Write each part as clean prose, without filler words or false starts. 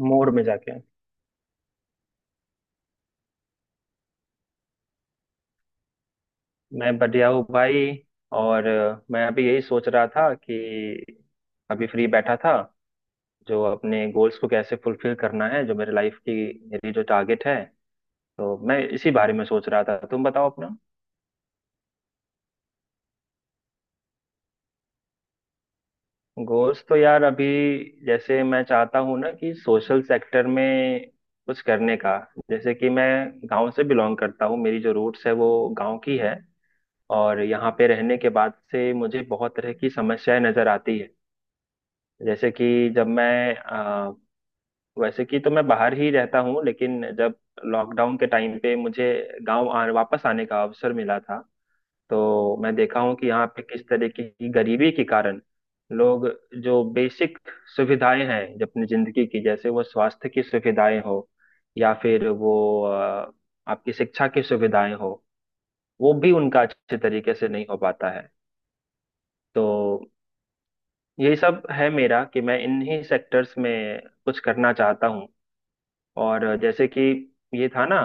मोड़ में जाके। मैं बढ़िया हूँ भाई। और मैं अभी यही सोच रहा था कि अभी फ्री बैठा था, जो अपने गोल्स को कैसे फुलफिल करना है, जो मेरे लाइफ की मेरी जो टारगेट है। तो मैं इसी बारे में सोच रहा था, तुम बताओ अपना। गोल्स तो यार अभी जैसे मैं चाहता हूँ ना कि सोशल सेक्टर में कुछ करने का। जैसे कि मैं गांव से बिलोंग करता हूँ, मेरी जो रूट्स है वो गांव की है। और यहाँ पे रहने के बाद से मुझे बहुत तरह की समस्याएं नजर आती है। जैसे कि जब मैं वैसे कि तो मैं बाहर ही रहता हूँ, लेकिन जब लॉकडाउन के टाइम पे मुझे गांव वापस आने का अवसर मिला था। तो मैं देखा हूँ कि यहाँ पे किस तरीके की गरीबी के कारण लोग जो बेसिक सुविधाएं हैं जो अपनी जिंदगी की, जैसे वो स्वास्थ्य की सुविधाएं हो या फिर वो आपकी शिक्षा की सुविधाएं हो, वो भी उनका अच्छे तरीके से नहीं हो पाता है। तो यही सब है मेरा कि मैं इन्हीं सेक्टर्स में कुछ करना चाहता हूँ। और जैसे कि ये था ना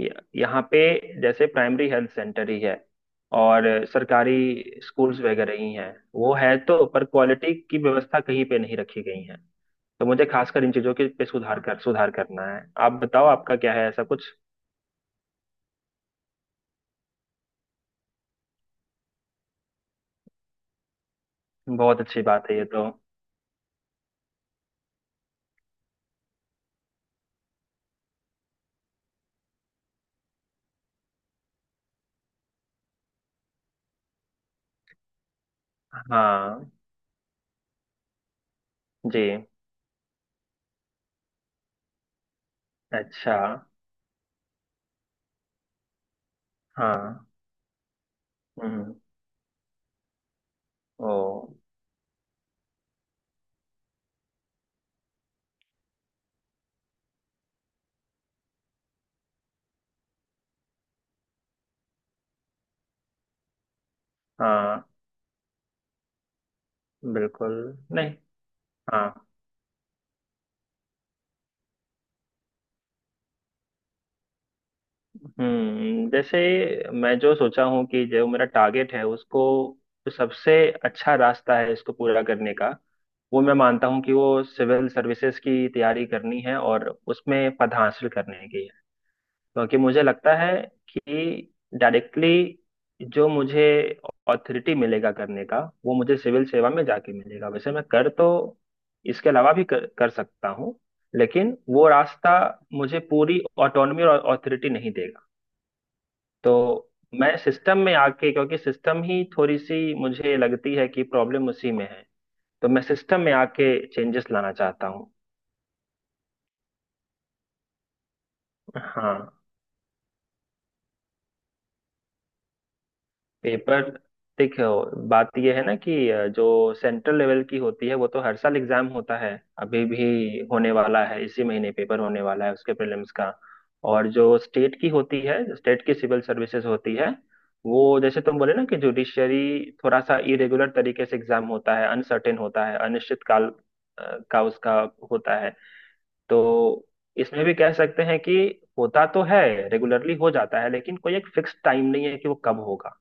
कि यहाँ पे जैसे प्राइमरी हेल्थ सेंटर ही है, और सरकारी स्कूल्स वगैरह ही हैं, वो है तो पर क्वालिटी की व्यवस्था कहीं पे नहीं रखी गई है। तो मुझे खासकर इन चीजों के पे सुधार करना है। आप बताओ आपका क्या है ऐसा कुछ? बहुत अच्छी बात है ये तो। हाँ, जी, अच्छा, हाँ, हम्म, ओ, हाँ, बिल्कुल, नहीं, हाँ, हम्म, जैसे मैं जो सोचा हूँ कि जो मेरा टारगेट है उसको, जो सबसे अच्छा रास्ता है इसको पूरा करने का, वो मैं मानता हूँ कि वो सिविल सर्विसेज की तैयारी करनी है और उसमें पद हासिल करने की है। क्योंकि मुझे लगता है कि डायरेक्टली जो मुझे ऑथोरिटी मिलेगा करने का, वो मुझे सिविल सेवा में जाके मिलेगा। वैसे मैं कर तो इसके अलावा भी कर सकता हूँ, लेकिन वो रास्ता मुझे पूरी ऑटोनॉमी और ऑथोरिटी नहीं देगा। तो मैं सिस्टम में आके, क्योंकि सिस्टम ही थोड़ी सी मुझे लगती है कि प्रॉब्लम उसी में है, तो मैं सिस्टम में आके चेंजेस लाना चाहता हूँ। हाँ, पेपर। देखो बात यह है ना कि जो सेंट्रल लेवल की होती है वो तो हर साल एग्जाम होता है। अभी भी होने वाला है, इसी महीने पेपर होने वाला है उसके प्रीलिम्स का। और जो स्टेट की होती है, स्टेट की सिविल सर्विसेज होती है, वो जैसे तुम बोले ना कि जुडिशरी थोड़ा सा इरेगुलर तरीके से एग्जाम होता है, अनसर्टेन होता है, अनिश्चित काल का उसका होता है। तो इसमें भी कह सकते हैं कि होता तो है, रेगुलरली हो जाता है, लेकिन कोई एक फिक्स टाइम नहीं है कि वो कब होगा।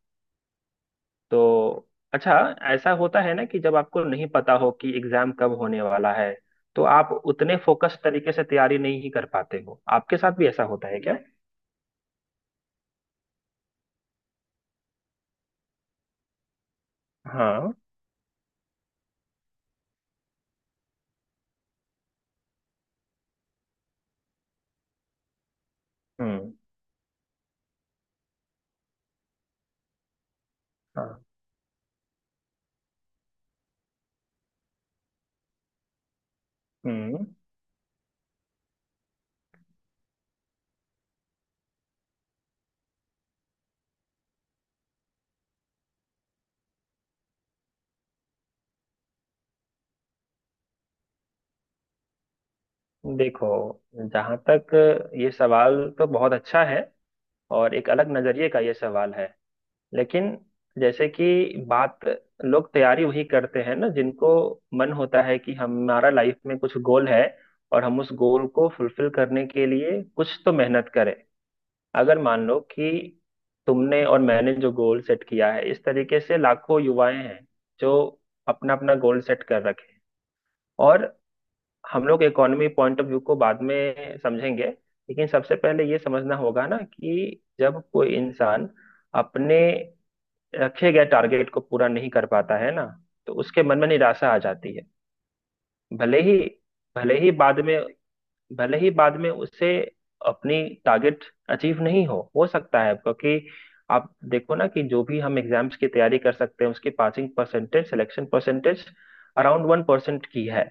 तो अच्छा, ऐसा होता है ना कि जब आपको नहीं पता हो कि एग्जाम कब होने वाला है, तो आप उतने फोकस तरीके से तैयारी नहीं कर पाते हो। आपके साथ भी ऐसा होता है क्या? हाँ, हम्म, हाँ, हम्म, देखो जहाँ तक ये सवाल तो बहुत अच्छा है और एक अलग नजरिए का ये सवाल है। लेकिन जैसे कि बात लोग तैयारी वही करते हैं ना जिनको मन होता है कि हमारा लाइफ में कुछ गोल है, और हम उस गोल को फुलफिल करने के लिए कुछ तो मेहनत करें। अगर मान लो कि तुमने और मैंने जो गोल सेट किया है, इस तरीके से लाखों युवाएं हैं जो अपना अपना गोल सेट कर रखे हैं। और हम लोग इकोनॉमी पॉइंट ऑफ व्यू को बाद में समझेंगे, लेकिन सबसे पहले ये समझना होगा ना कि जब कोई इंसान अपने रखे गए टारगेट को पूरा नहीं कर पाता है ना, तो उसके मन में निराशा आ जाती है। भले ही भले ही बाद में भले ही बाद में उसे अपनी टारगेट अचीव नहीं हो सकता है। क्योंकि आप देखो ना कि जो भी हम एग्जाम्स की तैयारी कर सकते हैं उसकी passing percentage, selection percentage around 1% की है।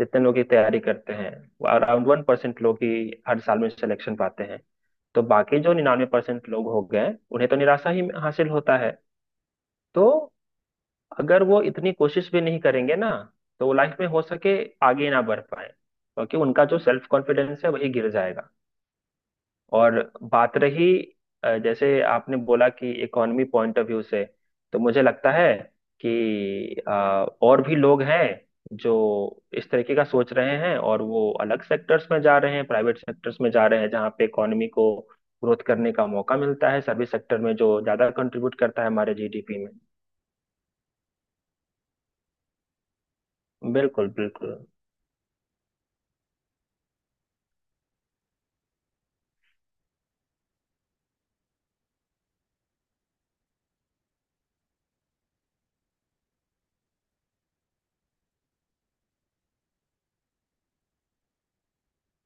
जितने लोग की तैयारी करते हैं, अराउंड 1% लोग ही हर साल में सिलेक्शन पाते हैं। तो बाकी जो 99% लोग हो गए, उन्हें तो निराशा ही हासिल होता है। तो अगर वो इतनी कोशिश भी नहीं करेंगे ना, तो वो लाइफ में हो सके आगे ना बढ़ पाए, क्योंकि उनका जो सेल्फ कॉन्फिडेंस है वही गिर जाएगा। और बात रही, जैसे आपने बोला कि इकोनॉमी पॉइंट ऑफ व्यू से, तो मुझे लगता है कि और भी लोग हैं जो इस तरीके का सोच रहे हैं, और वो अलग सेक्टर्स में जा रहे हैं, प्राइवेट सेक्टर्स में जा रहे हैं, जहाँ पे इकोनॉमी को ग्रोथ करने का मौका मिलता है। सर्विस सेक्टर में जो ज्यादा कंट्रीब्यूट करता है हमारे जीडीपी में। बिल्कुल, बिल्कुल।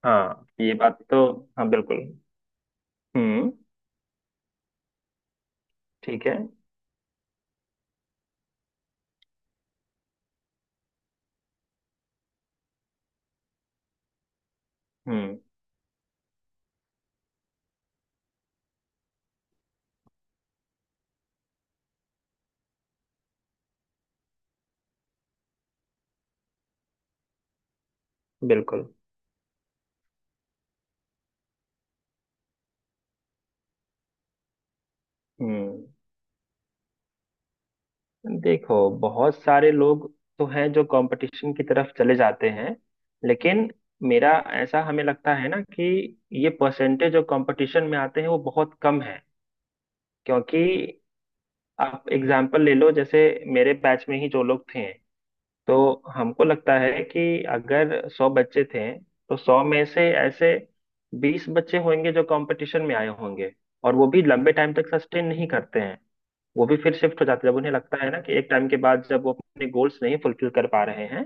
हाँ, ये बात तो। हाँ, बिल्कुल। हम्म, ठीक है, हम्म, बिल्कुल, हम्म, देखो बहुत सारे लोग तो हैं जो कंपटीशन की तरफ चले जाते हैं, लेकिन मेरा ऐसा हमें लगता है ना कि ये परसेंटेज जो कंपटीशन में आते हैं वो बहुत कम है। क्योंकि आप एग्जाम्पल ले लो, जैसे मेरे बैच में ही जो लोग थे, तो हमको लगता है कि अगर 100 बच्चे थे तो 100 में से ऐसे 20 बच्चे होंगे जो कंपटीशन में आए होंगे। और वो भी लंबे टाइम तक सस्टेन नहीं करते हैं, वो भी फिर शिफ्ट हो जाते हैं जब उन्हें लगता है ना कि एक टाइम के बाद जब वो अपने गोल्स नहीं फुलफिल कर पा रहे हैं,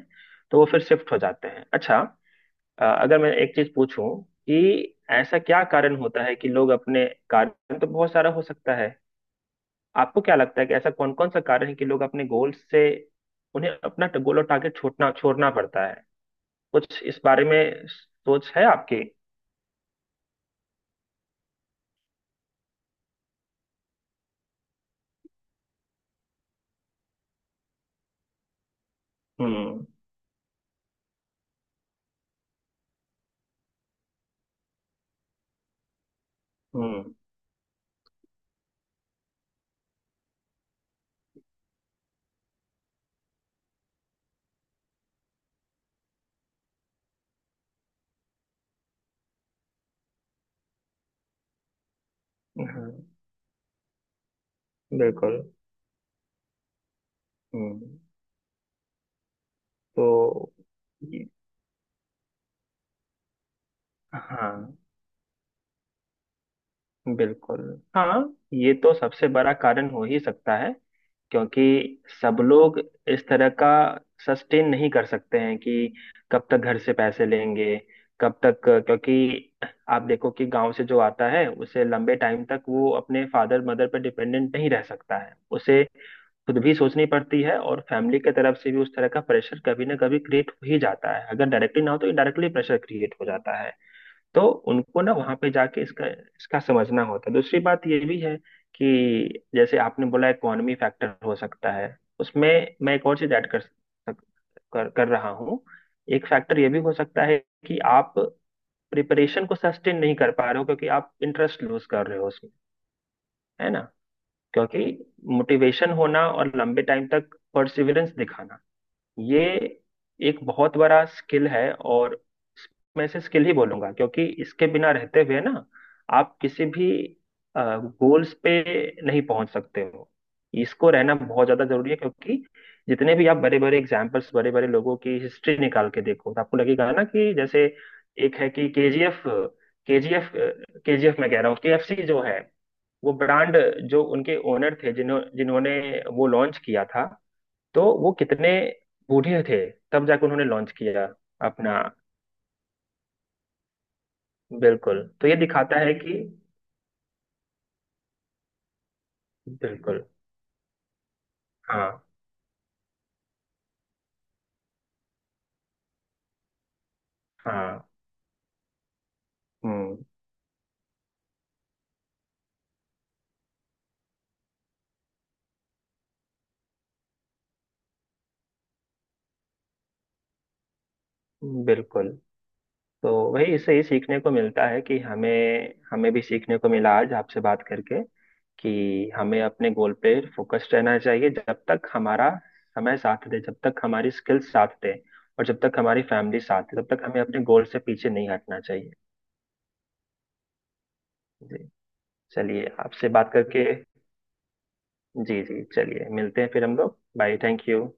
तो वो फिर शिफ्ट हो जाते हैं। अच्छा, अगर मैं एक चीज पूछूं कि ऐसा क्या कारण होता है कि लोग अपने, कारण तो बहुत सारा हो सकता है, आपको क्या लगता है कि ऐसा कौन कौन सा कारण है कि लोग अपने गोल से, उन्हें अपना गोल और टारगेट छोड़ना छोड़ना पड़ता है, कुछ इस बारे में सोच है आपकी? हम्म, हम्म, हाँ, बिल्कुल, हम्म, तो ये- हाँ, बिल्कुल। हाँ, ये तो सबसे बड़ा कारण हो ही सकता है। क्योंकि सब लोग इस तरह का सस्टेन नहीं कर सकते हैं कि कब तक घर से पैसे लेंगे, कब तक, क्योंकि आप देखो कि गांव से जो आता है उसे लंबे टाइम तक वो अपने फादर मदर पर डिपेंडेंट नहीं रह सकता है। उसे खुद भी सोचनी पड़ती है, और फैमिली के तरफ से भी उस तरह का प्रेशर कभी ना कभी क्रिएट हो ही जाता है, अगर डायरेक्टली ना हो तो इनडायरेक्टली प्रेशर क्रिएट हो जाता है। तो उनको ना वहां पे जाके इसका इसका समझना होता है। दूसरी बात ये भी है कि जैसे आपने बोला इकोनॉमी फैक्टर हो सकता है उसमें, मैं एक और चीज ऐड कर रहा हूँ। एक फैक्टर ये भी हो सकता है कि आप प्रिपरेशन को सस्टेन नहीं कर पा रहे हो क्योंकि आप इंटरेस्ट लूज कर रहे हो उसमें, है ना? क्योंकि मोटिवेशन होना और लंबे टाइम तक परसिवरेंस दिखाना, ये एक बहुत बड़ा स्किल है। और मैं इसे स्किल ही बोलूंगा, क्योंकि इसके बिना रहते हुए ना आप किसी भी गोल्स पे नहीं पहुंच सकते हो। इसको रहना बहुत ज्यादा जरूरी है। क्योंकि जितने भी आप बड़े बड़े एग्जाम्पल्स, बड़े बड़े लोगों की हिस्ट्री निकाल के देखो तो आपको लगेगा ना कि जैसे एक है कि केजीएफ, केजीएफ केजीएफ मैं कह रहा हूँ, केएफसी जो है, वो ब्रांड, जो उनके ओनर थे जिन्होंने वो लॉन्च किया था। तो वो कितने बूढ़े थे, तब जाकर उन्होंने लॉन्च किया अपना। बिल्कुल, तो ये दिखाता है कि बिल्कुल, हाँ हाँ, हम्म, बिल्कुल, तो वही इससे ही सीखने को मिलता है कि हमें, हमें भी सीखने को मिला आज आपसे बात करके, कि हमें अपने गोल पे फोकस्ड रहना चाहिए जब तक हमारा समय साथ दे, जब तक हमारी स्किल्स साथ दे, और जब तक हमारी फैमिली साथ दे, तब तक हमें अपने गोल से पीछे नहीं हटना चाहिए। जी, चलिए आपसे बात करके, जी जी चलिए मिलते हैं फिर हम लोग। Bye, thank you.